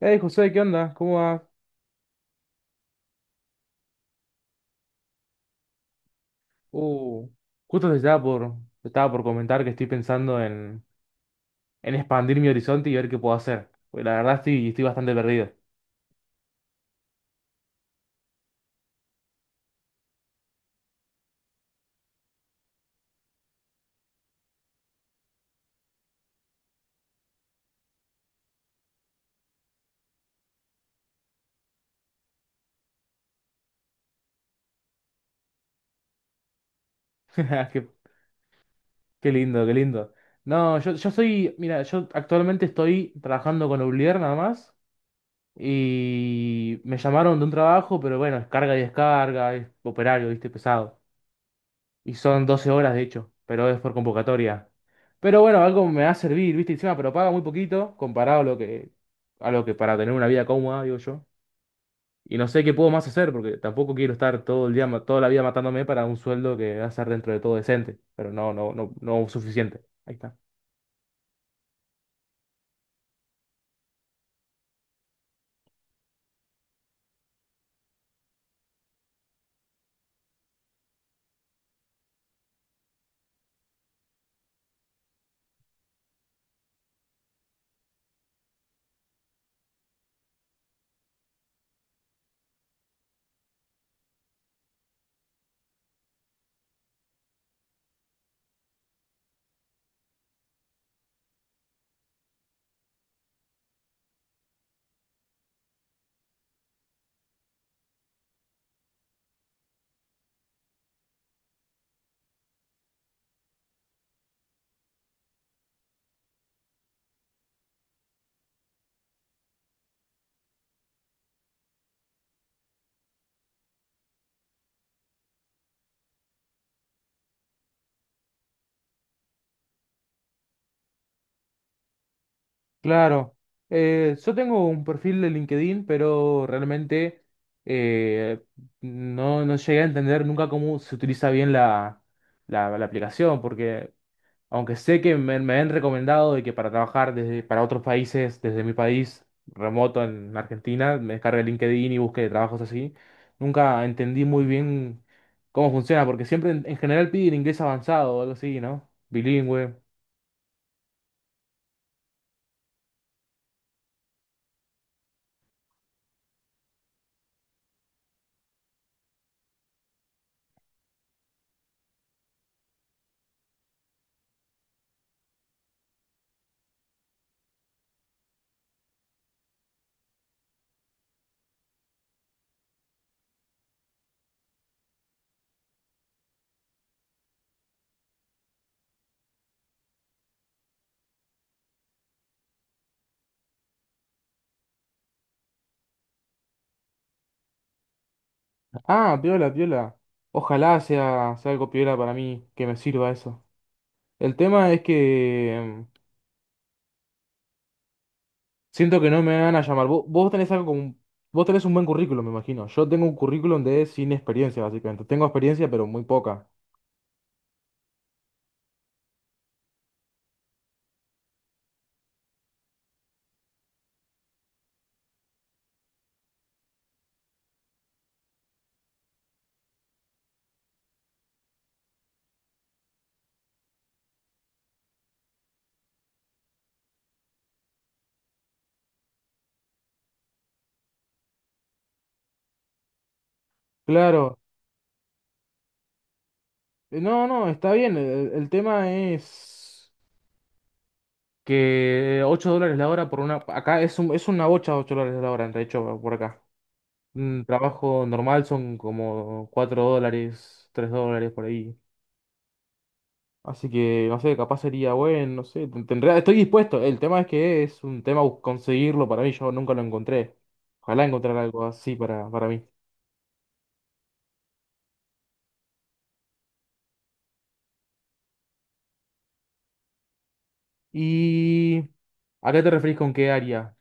Hey José, ¿qué onda? ¿Cómo va? Uh, Justo te estaba por comentar que estoy pensando en expandir mi horizonte y ver qué puedo hacer. Porque la verdad estoy bastante perdido. Qué, qué lindo, qué lindo. No, yo soy, mira, yo actualmente estoy trabajando con Oblier nada más. Y me llamaron de un trabajo, pero bueno, es carga y descarga, es operario, viste, pesado. Y son 12 horas de hecho, pero es por convocatoria. Pero bueno, algo me va a servir, ¿viste? Encima, pero paga muy poquito comparado a lo que para tener una vida cómoda, digo yo. Y no sé qué puedo más hacer, porque tampoco quiero estar todo el día, toda la vida matándome para un sueldo que va a ser dentro de todo decente, pero no, no, no, no suficiente. Ahí está. Claro. Yo tengo un perfil de LinkedIn, pero realmente eh, no, no llegué a entender nunca cómo se utiliza bien la aplicación, porque aunque sé que me han recomendado de que para trabajar desde, para otros países, desde mi país remoto en Argentina, me descargue LinkedIn y busque trabajos así. Nunca entendí muy bien cómo funciona, porque siempre en general piden inglés avanzado o algo así, ¿no? Bilingüe. Ah, piola, piola. Ojalá sea, sea algo piola para mí, que me sirva eso. El tema es que siento que no me van a llamar. Vos, vos tenés algo como un- vos tenés un buen currículum, me imagino. Yo tengo un currículum de sin experiencia, básicamente. Tengo experiencia, pero muy poca. Claro. No, no, está bien. El tema es que $8 la hora por una... Acá es, es una bocha $8 la hora, de hecho, por acá. Un trabajo normal son como $4, $3 por ahí. Así que, no sé, capaz sería bueno, no sé. Estoy dispuesto. El tema es que es un tema conseguirlo para mí. Yo nunca lo encontré. Ojalá encontrar algo así para mí. ¿Y a qué te referís con qué área?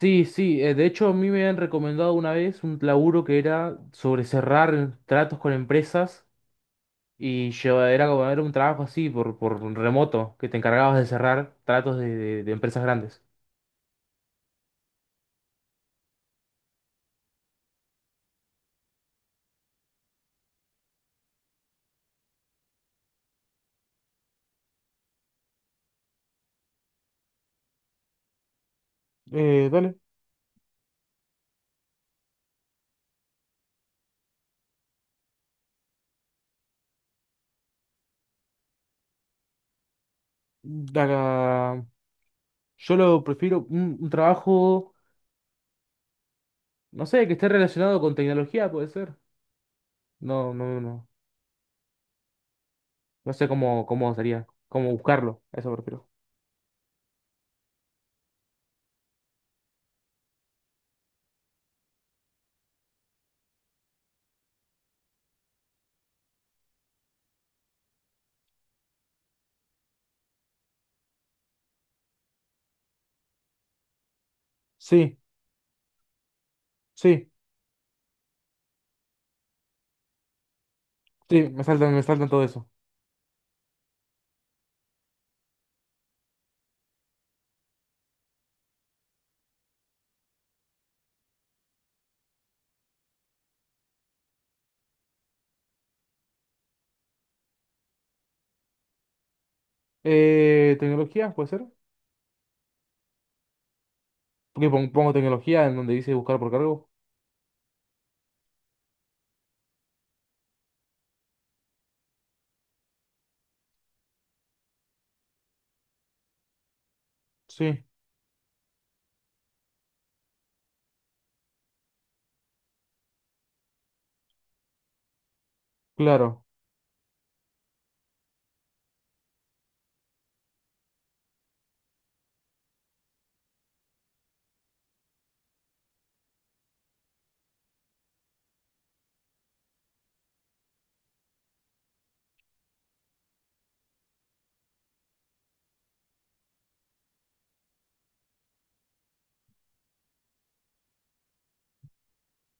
Sí, sí. Eh, de hecho, a mí me han recomendado una vez un laburo que era sobre cerrar tratos con empresas. Y era como era un trabajo así por remoto, que te encargabas de cerrar tratos de, de empresas grandes. Dale. Acá. Yo lo prefiero un trabajo, no sé, que esté relacionado con tecnología, puede ser. No, no, no, no No sé cómo, cómo sería, cómo buscarlo. A Eso prefiero. Sí, sí, sí, me saltan todo eso. ¿Tecnología puede ser? Porque pongo tecnología en donde dice buscar por cargo. Sí, claro.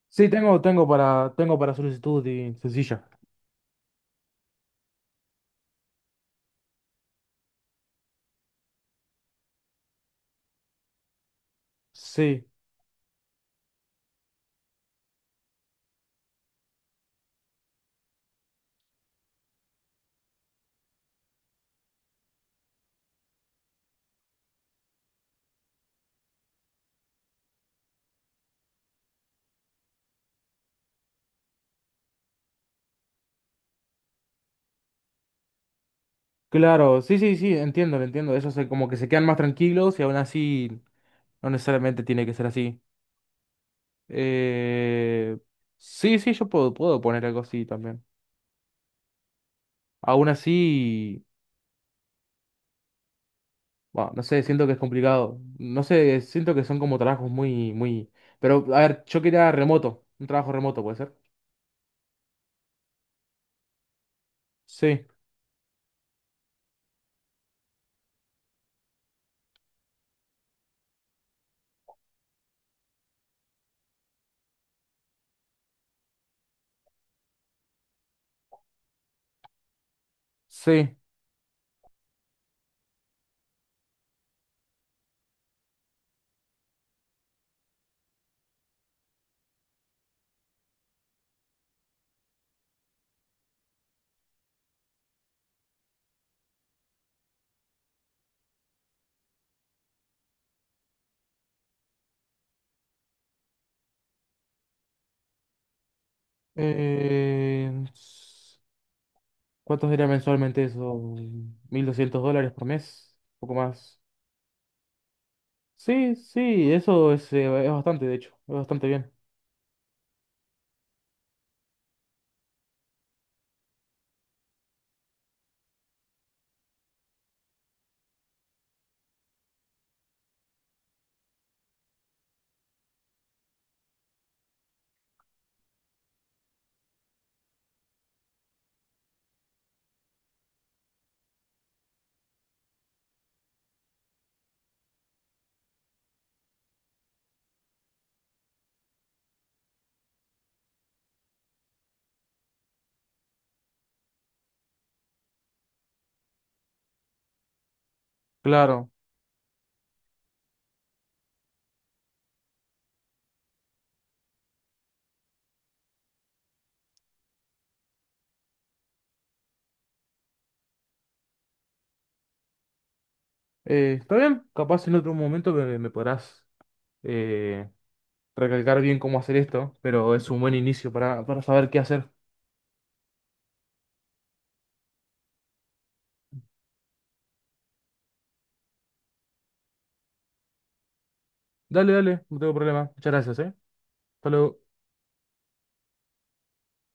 Sí, tengo, tengo para, tengo para solicitud y sencilla. Sí, claro. Sí, sí, sí, entiendo, lo entiendo. Como que se quedan más tranquilos y aún así no necesariamente tiene que ser así. Eh, sí, sí, yo puedo, puedo poner algo así también. Aún así, bueno, no sé, siento que es complicado. No sé, siento que son como trabajos muy, muy... Pero, a ver, yo quería remoto, un trabajo remoto, ¿puede ser? Sí, sí. Eh, s- ¿Cuánto sería mensualmente eso? ¿$1200 por mes? Un poco más. Sí, sí, eso es bastante, de hecho, es bastante bien. Claro. Está bien, capaz en otro momento me, me podrás... eh, recalcar bien cómo hacer esto, pero es un buen inicio para saber qué hacer. Dale, dale, no tengo problema. Muchas gracias, ¿eh? Hasta luego.